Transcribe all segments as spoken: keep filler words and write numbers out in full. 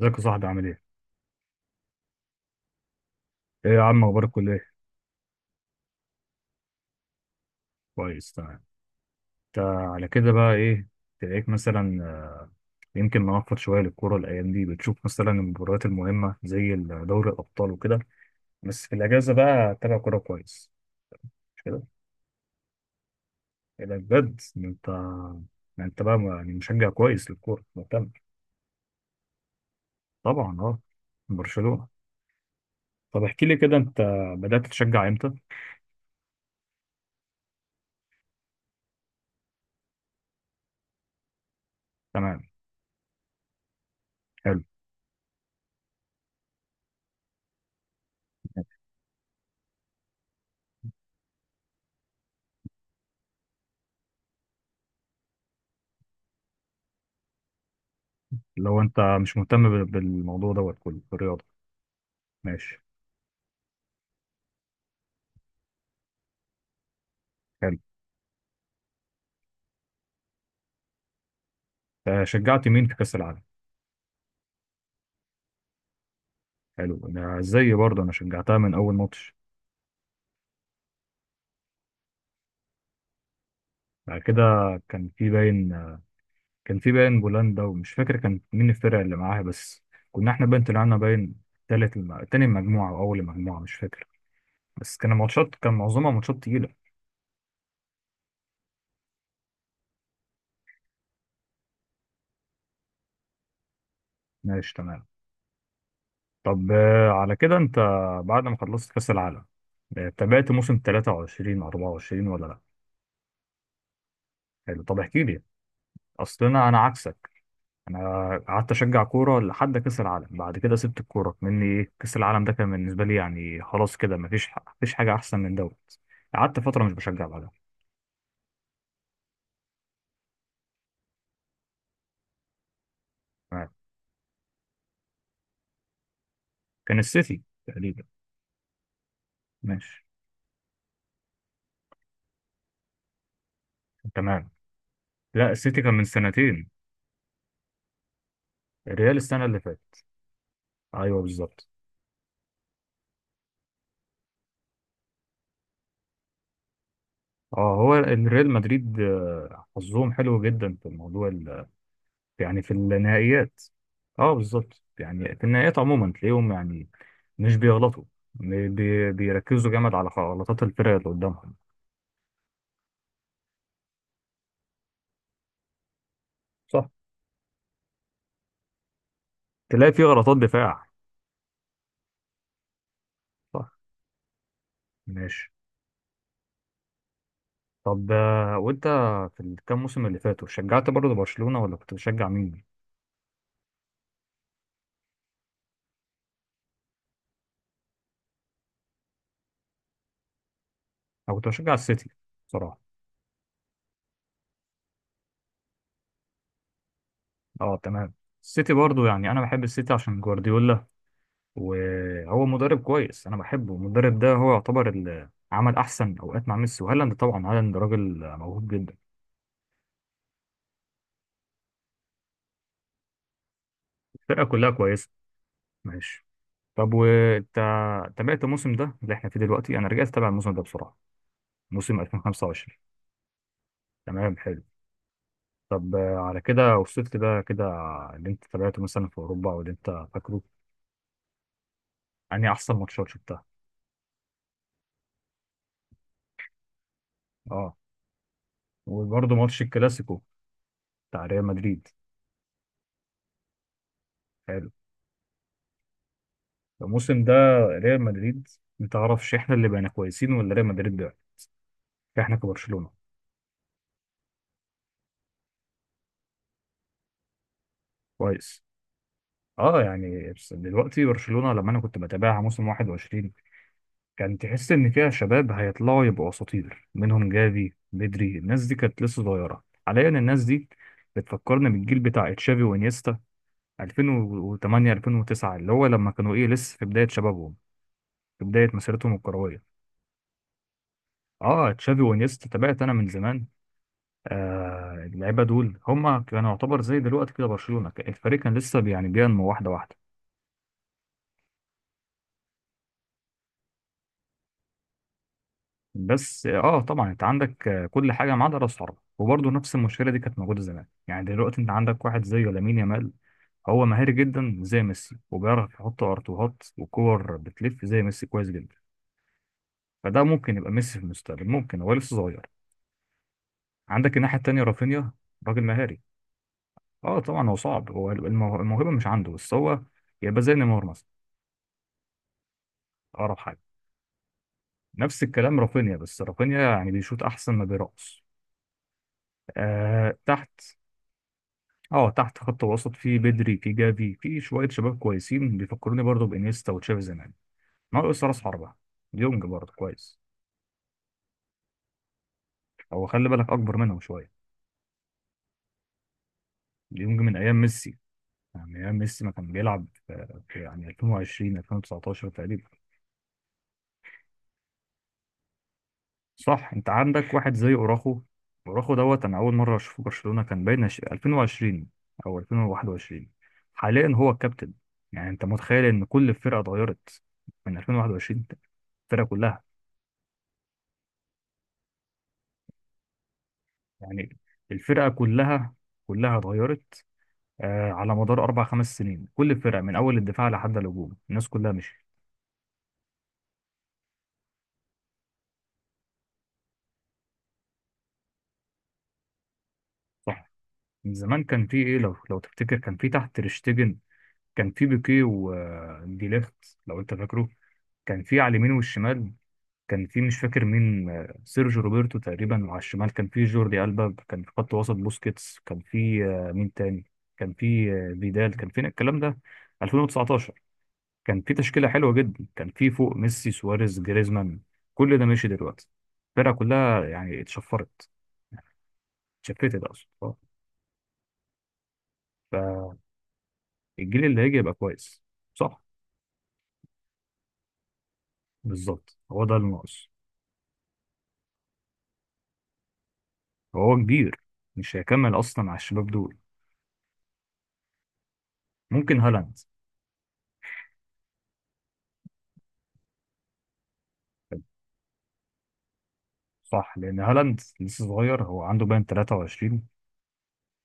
ازيك يا صاحبي، عامل ايه؟ ايه يا عم، اخبار الكلية؟ كويس، تمام. انت على كده بقى ايه تلاقيك مثلا، آه، يمكن نوفر شوية للكورة الأيام دي بتشوف مثلا المباريات المهمة زي ال- دوري الأبطال وكده؟ بس في الأجازة بقى تتابع كورة كويس. مش كده؟ ايه ده بجد، ده انت. ده انت بقى يعني مشجع كويس للكورة، مهتم. طبعا اه. برشلونة. طب احكي لي كده انت، بدأت تشجع امتى؟ تمام، حلو. لو انت مش مهتم بال- بالموضوع دوت كله، بالرياضة. ماشي. حلو. آه، شجعت مين في كأس العالم؟ حلو، انا زي برضه انا شجعتها من اول ماتش. بعد كده. كان في باين كان في باين بولندا ومش فاكر كان مين الفرق اللي معاها بس. كنا احنا باين طلعنا باين. تالت الم... تاني المجموعة او اول المجموعة، مش فاكر. بس كان ماتشات، كان معظمها ماتشات تقيلة. ماشي، تمام. طب آه، على كده انت بعد ما خلصت كأس العالم، آه، تابعت موسم ثلاثة وعشرين اربعة وعشرين ولا لا؟ حلو، طب احكي لي. اصل انا انا عكسك. انا قعدت اشجع كوره لحد كاس العالم، بعد كده سبت الكوره. كمني ايه، كاس العالم ده كان بالنسبه لي يعني خلاص، كده مفيش. مفيش حاجه احسن من دوت. قعدت فتره مش بشجع بعدها. تمام. كان السيتي تقريبا. ماشي، تمام. لا، السيتي كان من سنتين. الريال السنه اللي فاتت. ايوه بالظبط. اه، هو الريال مدريد آه، حظهم حلو جدا في الموضوع ال- يعني في النهائيات. اه بالظبط، يعني في النهائيات عموما تلاقيهم يعني مش بيغلطوا. بي- بي- بيركزوا جامد على غلطات الفرق اللي قدامهم. صح. تلاقي فيه غلطات دفاع. صح. ماشي، طب آه، وانت في الكام موسم اللي فاتوا شجعت برضه برشلونة ولا كنت بتشجع مين؟ انا كنت بشجع السيتي بصراحة. اه تمام. السيتي برضه، يعني انا بحب السيتي عشان جوارديولا. وهو مدرب كويس، انا بحبه المدرب ده، هو يعتبر اللي عمل احسن اوقات مع ميسي وهالاند. طبعا هالاند راجل موهوب جدا. الفرقة كلها كويسة. ماشي. طب وانت تابعت الموسم ده اللي احنا فيه دلوقتي؟ انا رجعت اتابع الموسم ده بسرعة، موسم ألفين وخمسة وعشرين. تمام، حلو. طب آه، على كده وصلت كده كده اللي انت تابعته مثلا في اوروبا او اللي انت فاكره، يعني احسن ماتشات شفتها. اه، وبرضه ماتش الكلاسيكو بتاع ريال مدريد. حلو. الموسم ده ريال مدريد، ما تعرفش احنا اللي بقينا كويسين ولا ريال مدريد بقى؟ احنا كبرشلونة. كويس. اه يعني، بس دلوقتي برشلونة لما انا كنت بتابعها موسم واحد وعشرين، كان تحس ان فيها شباب هيطلعوا يبقوا اساطير منهم جافي، بدري، الناس دي كانت لسه صغيرة، حاليا الناس دي بتفكرني بالجيل بتاع تشافي وانيستا ألفين وتمانية ألفين وتسعة، اللي هو لما كانوا ايه لسه في بداية شبابهم، في بداية مسيرتهم الكروية. اه، تشافي وانيستا تابعت انا من زمان. آه اللعيبة دول هم كانوا يعتبر زي دلوقتي كده برشلونة، الفريق كان لسه بي- يعني بينمو واحدة واحدة. بس اه، طبعا انت عندك آه، كل حاجة ما عدا راس حربة. وبرضه نفس المشكلة دي كانت موجودة زمان. يعني دلوقتي انت عندك واحد زي لامين يامال، هو مهاري جدا زي ميسي وبيعرف يحط ارتوهات وكور بتلف زي ميسي كويس جدا. فده ممكن يبقى ميسي في المستقبل، ممكن، هو لسه صغير. عندك الناحية التانية رافينيا، راجل مهاري. اه طبعا، هو صعب، هو المو- الموهبة مش عنده، بس هو يبقى زي نيمار مثلا. أقرب حاجة. نفس الكلام رافينيا، بس رافينيا يعني بيشوط أحسن ما بيرقص. آه تحت. اه تحت، خط وسط في بدري، في جافي، في شوية شباب كويسين بيفكروني برضه بإنيستا وتشافي زمان. ناقص راس حربة. ديونج برضه كويس. هو خلي بالك أكبر منهم شوية. ديونج من أيام ميسي، يعني أيام ميسي ما كان بيلعب في في- يعني ألفين وعشرين ألفين وتسعتاشر تقريبا. صح، انت عندك واحد زي اوراخو. اوراخو دوت انا اول مره اشوفه برشلونه كان باين عش- ألفين وعشرين او ألفين وواحد وعشرين. حاليا هو الكابتن. يعني انت متخيل ان كل الفرقه اتغيرت من ألفين وواحد وعشرين؟ الفرقه كلها، يعني الفرقه كلها كلها اتغيرت. آه، على مدار اربع خمس سنين كل الفرقه من اول الدفاع لحد الهجوم الناس كلها مشيت. صح. من زمان كان في ايه، لو لو تفتكر، كان في تحت تريشتجن. كان في بيكيه وديليخت، لو انت فاكره. كان في على اليمين والشمال. كان في مش فاكر مين، آه، سيرجيو روبرتو تقريبا. وعلى الشمال كان في جوردي ألبا. كان في خط وسط بوسكيتس. كان في آه، مين تاني؟ كان في آه، فيدال، كان في الكلام ده ألفين وتسعة عشر. كان في تشكيلة حلوة جدا، كان في فوق ميسي، سواريز، جريزمان. كل ده ماشي دلوقتي. الفرقة كلها يعني اتشفرت اتشفتت، أقصد آه. فالجيل اللي هيجي يبقى كويس. صح. بالظبط، هو ده اللي ناقص. هو كبير، مش هيكمل أصلا على الشباب دول. ممكن هالاند. صح، لان هالاند لسه صغير، هو عنده باين تلاتة وعشرين،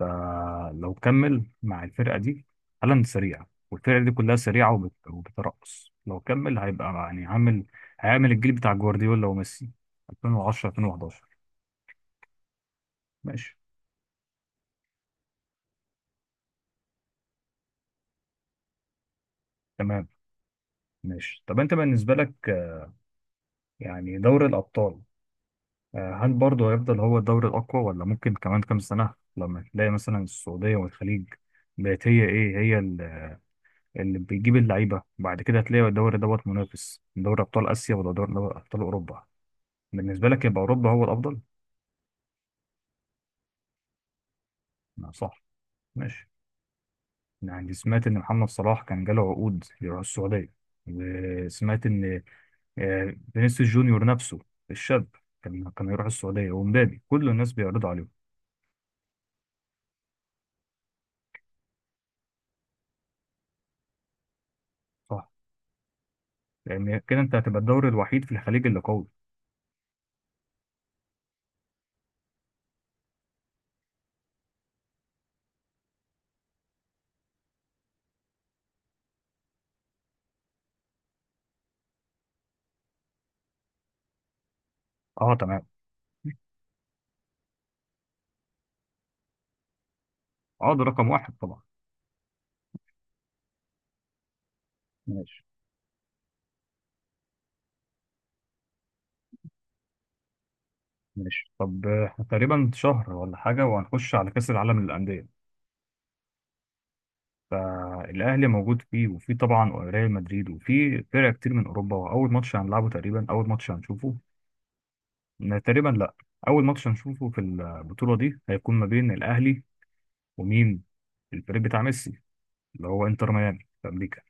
فلو كمل مع الفرقه دي، هالاند سريع والفرقه دي كلها سريعه وبت- وبترقص، لو كمل هيبقى يعني عامل. هيعمل الجيل بتاع جوارديولا وميسي ألفين وعشرة ألفين وحداشر. ماشي، تمام. ماشي، طب انت بالنسبه لك آه، يعني دوري الابطال، آه، هل برضه هيفضل هو الدوري الاقوى، ولا ممكن كمان كام سنه لما تلاقي مثلا السعوديه والخليج بقت هي ايه، هي اللي بيجيب اللعيبه، وبعد كده هتلاقي الدوري دوت منافس دوري ابطال اسيا ولا دوري دوري ابطال اوروبا؟ بالنسبه لك يبقى اوروبا هو الافضل. لا صح. ماشي. يعني سمعت ان محمد صلاح كان جاله عقود يروح السعوديه. وسمعت ان آه، فينيسيوس جونيور نفسه الشاب كان كان يروح السعوديه، ومبابي، كل الناس بيعرضوا عليهم. صح، لان كده انت هتبقى الدوري الوحيد في الخليج اللي قوي. اه تمام. اه ده رقم واحد طبعا. ماشي. ماشي، طب آه، احنا تقريبا شهر ولا حاجه وهنخش على كاس العالم للانديه. فالاهلي موجود فيه، وفي طبعا ريال مدريد، وفي فرق كتير من اوروبا، واول ماتش هنلعبه تقريبا، اول ماتش هنشوفه. لا، تقريبا لا. اول ماتش هنشوفه في البطوله دي هيكون ما بين الاهلي ومين؟ الفريق بتاع ميسي، اللي هو انتر ميامي في امريكا.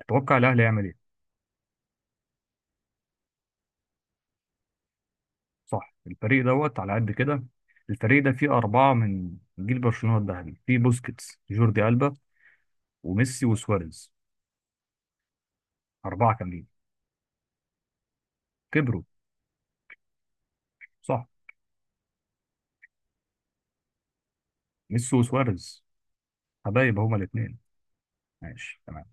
تتوقع الاهلي هيعمل ايه؟ صح، الفريق دوت على قد كده. الفريق ده فيه اربعه من جيل برشلونه الذهبي، فيه بوسكيتس، جوردي البا، وميسي، وسواريز. اربعه كاملين كبروا. صح. ميسي وسواريز حبايب هما الاثنين. ماشي، تمام.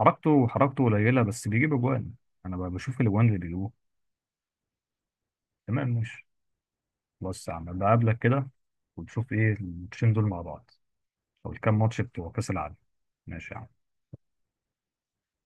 حركته حركته قليله بس بيجيب اجوان. انا ب- بشوف الاجوان اللي بيجيبوه. تمام، ماشي. بص يا عم بقابلك كده، وتشوف ايه الماتشين دول مع بعض، او الكام ماتش بتوع كاس العالم. ماشي يا عم.